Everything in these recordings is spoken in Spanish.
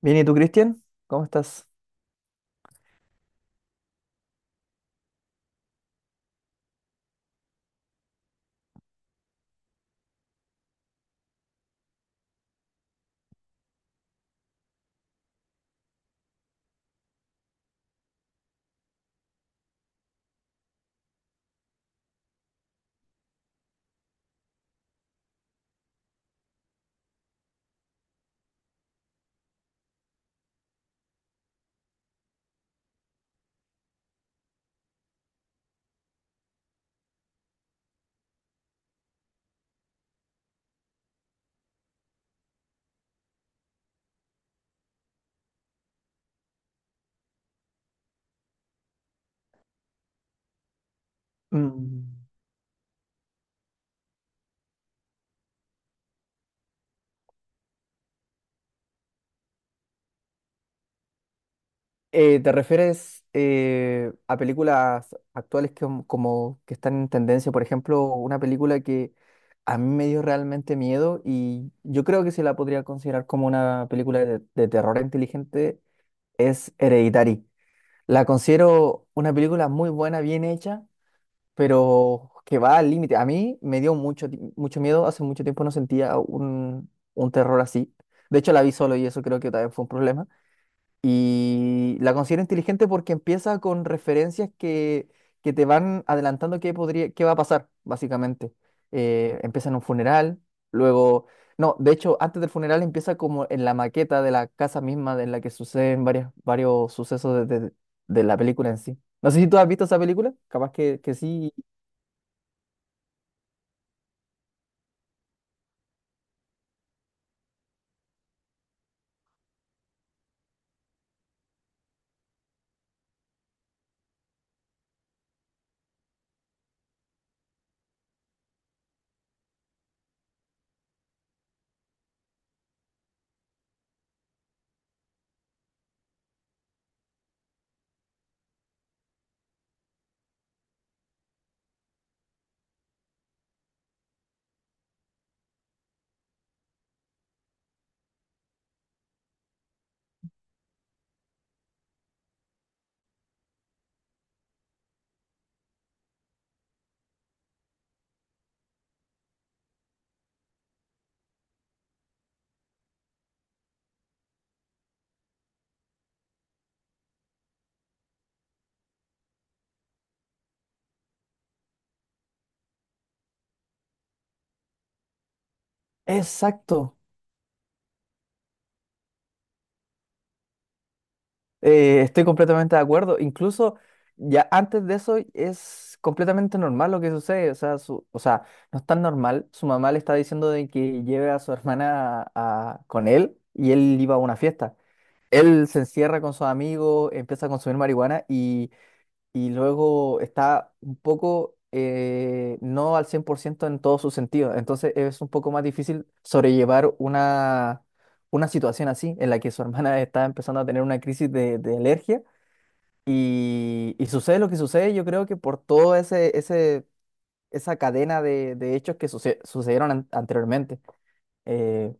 Bien, ¿y tú, Cristian? ¿Cómo estás? Mm. ¿Te refieres a películas actuales que, como que están en tendencia? Por ejemplo, una película que a mí me dio realmente miedo y yo creo que se la podría considerar como una película de terror inteligente es Hereditary. La considero una película muy buena, bien hecha pero que va al límite. A mí me dio mucho, mucho miedo, hace mucho tiempo no sentía un terror así. De hecho, la vi solo y eso creo que también fue un problema. Y la considero inteligente porque empieza con referencias que te van adelantando qué podría, qué va a pasar, básicamente. Empieza en un funeral, luego... No, de hecho, antes del funeral empieza como en la maqueta de la casa misma en la que suceden varias, varios sucesos de, de la película en sí. No sé si tú has visto esa película, capaz que sí. Exacto. Estoy completamente de acuerdo. Incluso ya antes de eso es completamente normal lo que sucede. O sea, o sea, no es tan normal. Su mamá le está diciendo de que lleve a su hermana con él y él iba a una fiesta. Él se encierra con sus amigos, empieza a consumir marihuana y luego está un poco no al 100% en todos sus sentidos. Entonces es un poco más difícil sobrellevar una situación así, en la que su hermana está empezando a tener una crisis de alergia y sucede lo que sucede, yo creo que por todo ese, ese, esa cadena de hechos que sucedieron anteriormente. Eh,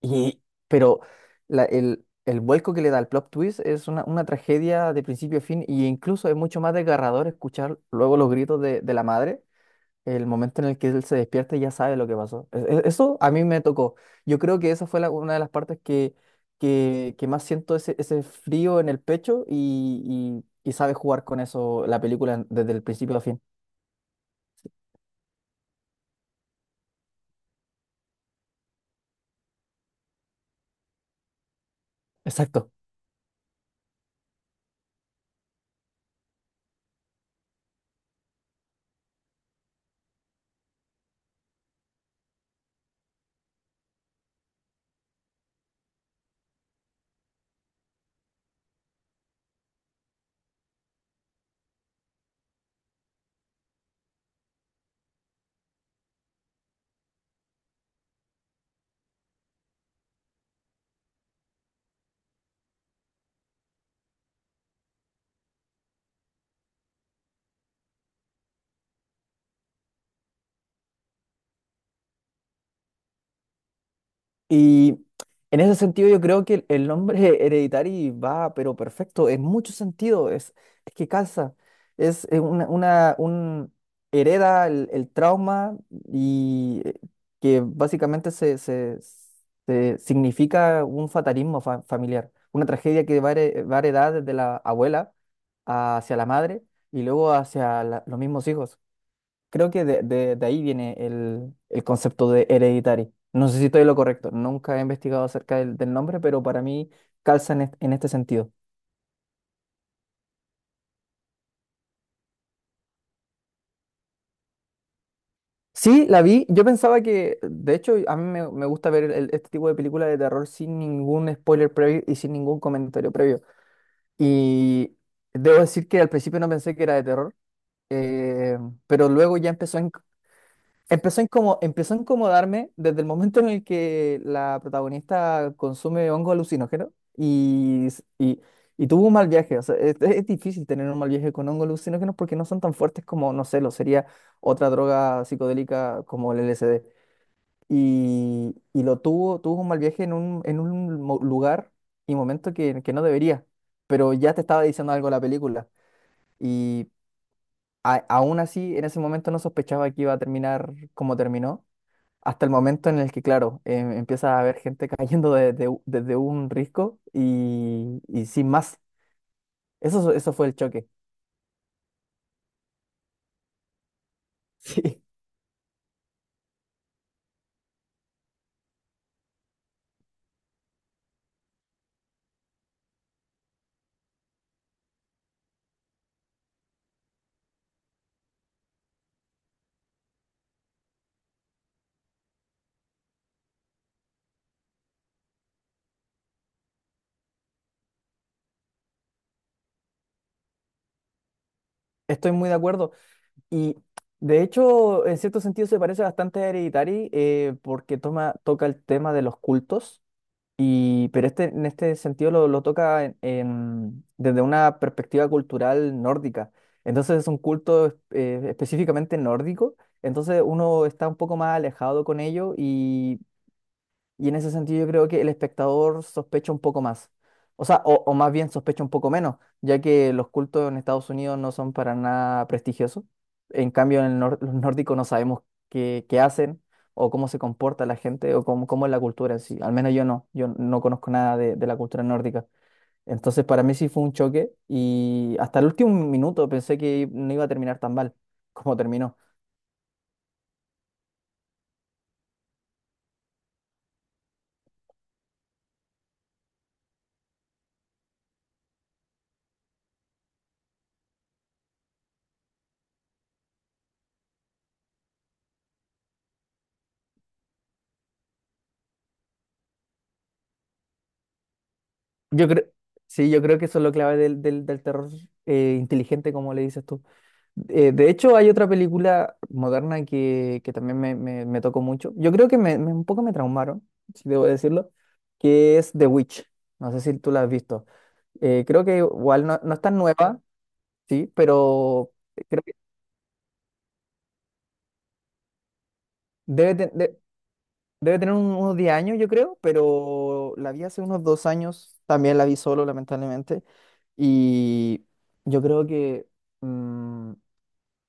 y, pero el vuelco que le da el plot twist es una tragedia de principio a fin, e incluso es mucho más desgarrador escuchar luego los gritos de la madre, el momento en el que él se despierta y ya sabe lo que pasó. Eso a mí me tocó. Yo creo que esa fue una de las partes que, que más siento ese, ese frío en el pecho y sabe jugar con eso la película desde el principio a fin. Exacto. Y en ese sentido yo creo que el nombre Hereditary va, pero perfecto, en mucho sentido, es que calza, es una, un, hereda el trauma y que básicamente se, se significa un fatalismo familiar, una tragedia que va, a va a heredar desde la abuela hacia la madre y luego hacia los mismos hijos. Creo que de, de ahí viene el concepto de hereditary. No sé si estoy en lo correcto, nunca he investigado acerca del, del nombre, pero para mí calza en, en este sentido. Sí, la vi, yo pensaba que, de hecho, a mí me, me gusta ver este tipo de películas de terror sin ningún spoiler previo y sin ningún comentario previo. Y debo decir que al principio no pensé que era de terror, eh, pero luego ya empezó a, empezó a empezó a incomodarme desde el momento en el que la protagonista consume hongo alucinógeno y tuvo un mal viaje. O sea, es difícil tener un mal viaje con hongos alucinógenos porque no son tan fuertes como, no sé, lo sería otra droga psicodélica como el LSD. Y lo tuvo, tuvo un mal viaje en un lugar y momento que no debería, pero ya te estaba diciendo algo la película. Y aún así, en ese momento no sospechaba que iba a terminar como terminó hasta el momento en el que, claro, empieza a haber gente cayendo desde un risco y sin más. Eso fue el choque. Sí, estoy muy de acuerdo. Y de hecho, en cierto sentido se parece bastante a Hereditary porque toma, toca el tema de los cultos, y, pero este, en este sentido lo toca desde una perspectiva cultural nórdica. Entonces es un culto específicamente nórdico. Entonces uno está un poco más alejado con ello. Y en ese sentido yo creo que el espectador sospecha un poco más. O sea, o más bien sospecha un poco menos, ya que los cultos en Estados Unidos no son para nada prestigiosos. En cambio, en el los nórdicos no sabemos qué, qué hacen o cómo se comporta la gente o cómo, cómo es la cultura en sí. Al menos yo no, yo no conozco nada de, de la cultura nórdica. Entonces, para mí sí fue un choque y hasta el último minuto pensé que no iba a terminar tan mal como terminó. Yo creo, sí, yo creo que eso es lo clave del, del terror inteligente, como le dices tú. De hecho, hay otra película moderna que también me, me tocó mucho. Yo creo que me, un poco me traumaron, si debo decirlo, que es The Witch. No sé si tú la has visto. Creo que igual no, no es tan nueva, sí, pero creo que debe, te- de- debe tener unos 10 años, yo creo, pero la vi hace unos 2 años. También la vi solo, lamentablemente. Y yo creo que... Mm,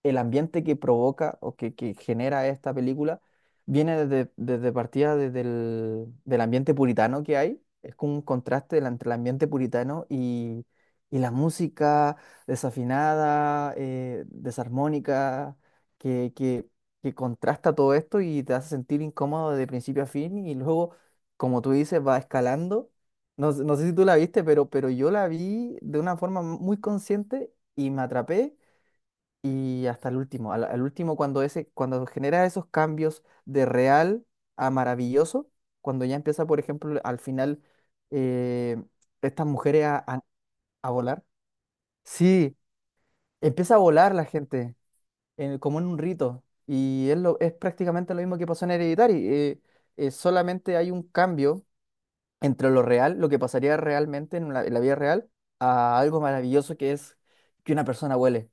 el ambiente que provoca o que genera esta película viene desde, desde partida desde el, del ambiente puritano que hay. Es como un contraste entre el ambiente puritano y la música desafinada, desarmónica, que, que, que contrasta todo esto y te hace sentir incómodo de principio a fin y luego, como tú dices, va escalando. No sé si tú la viste, pero yo la vi de una forma muy consciente y me atrapé y hasta el último. Al, al último, cuando ese, cuando genera esos cambios de real a maravilloso, cuando ya empieza, por ejemplo, al final eh, estas mujeres a volar. Sí, empieza a volar la gente, como en un rito. Y es, lo, es prácticamente lo mismo que pasó en Hereditary. Solamente hay un cambio entre lo real, lo que pasaría realmente en la vida real, a algo maravilloso que es que una persona huele.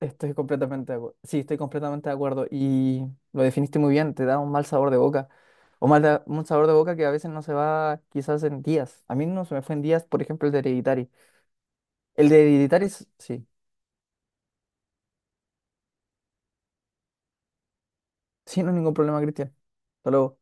Estoy completamente de acuerdo. Sí, estoy completamente de acuerdo. Y lo definiste muy bien, te da un mal sabor de boca. O un sabor de boca que a veces no se va quizás en días. A mí no se me fue en días, por ejemplo, el de Hereditary. El de Hereditary, sí. Sí, no hay ningún problema, Cristian. Hasta luego.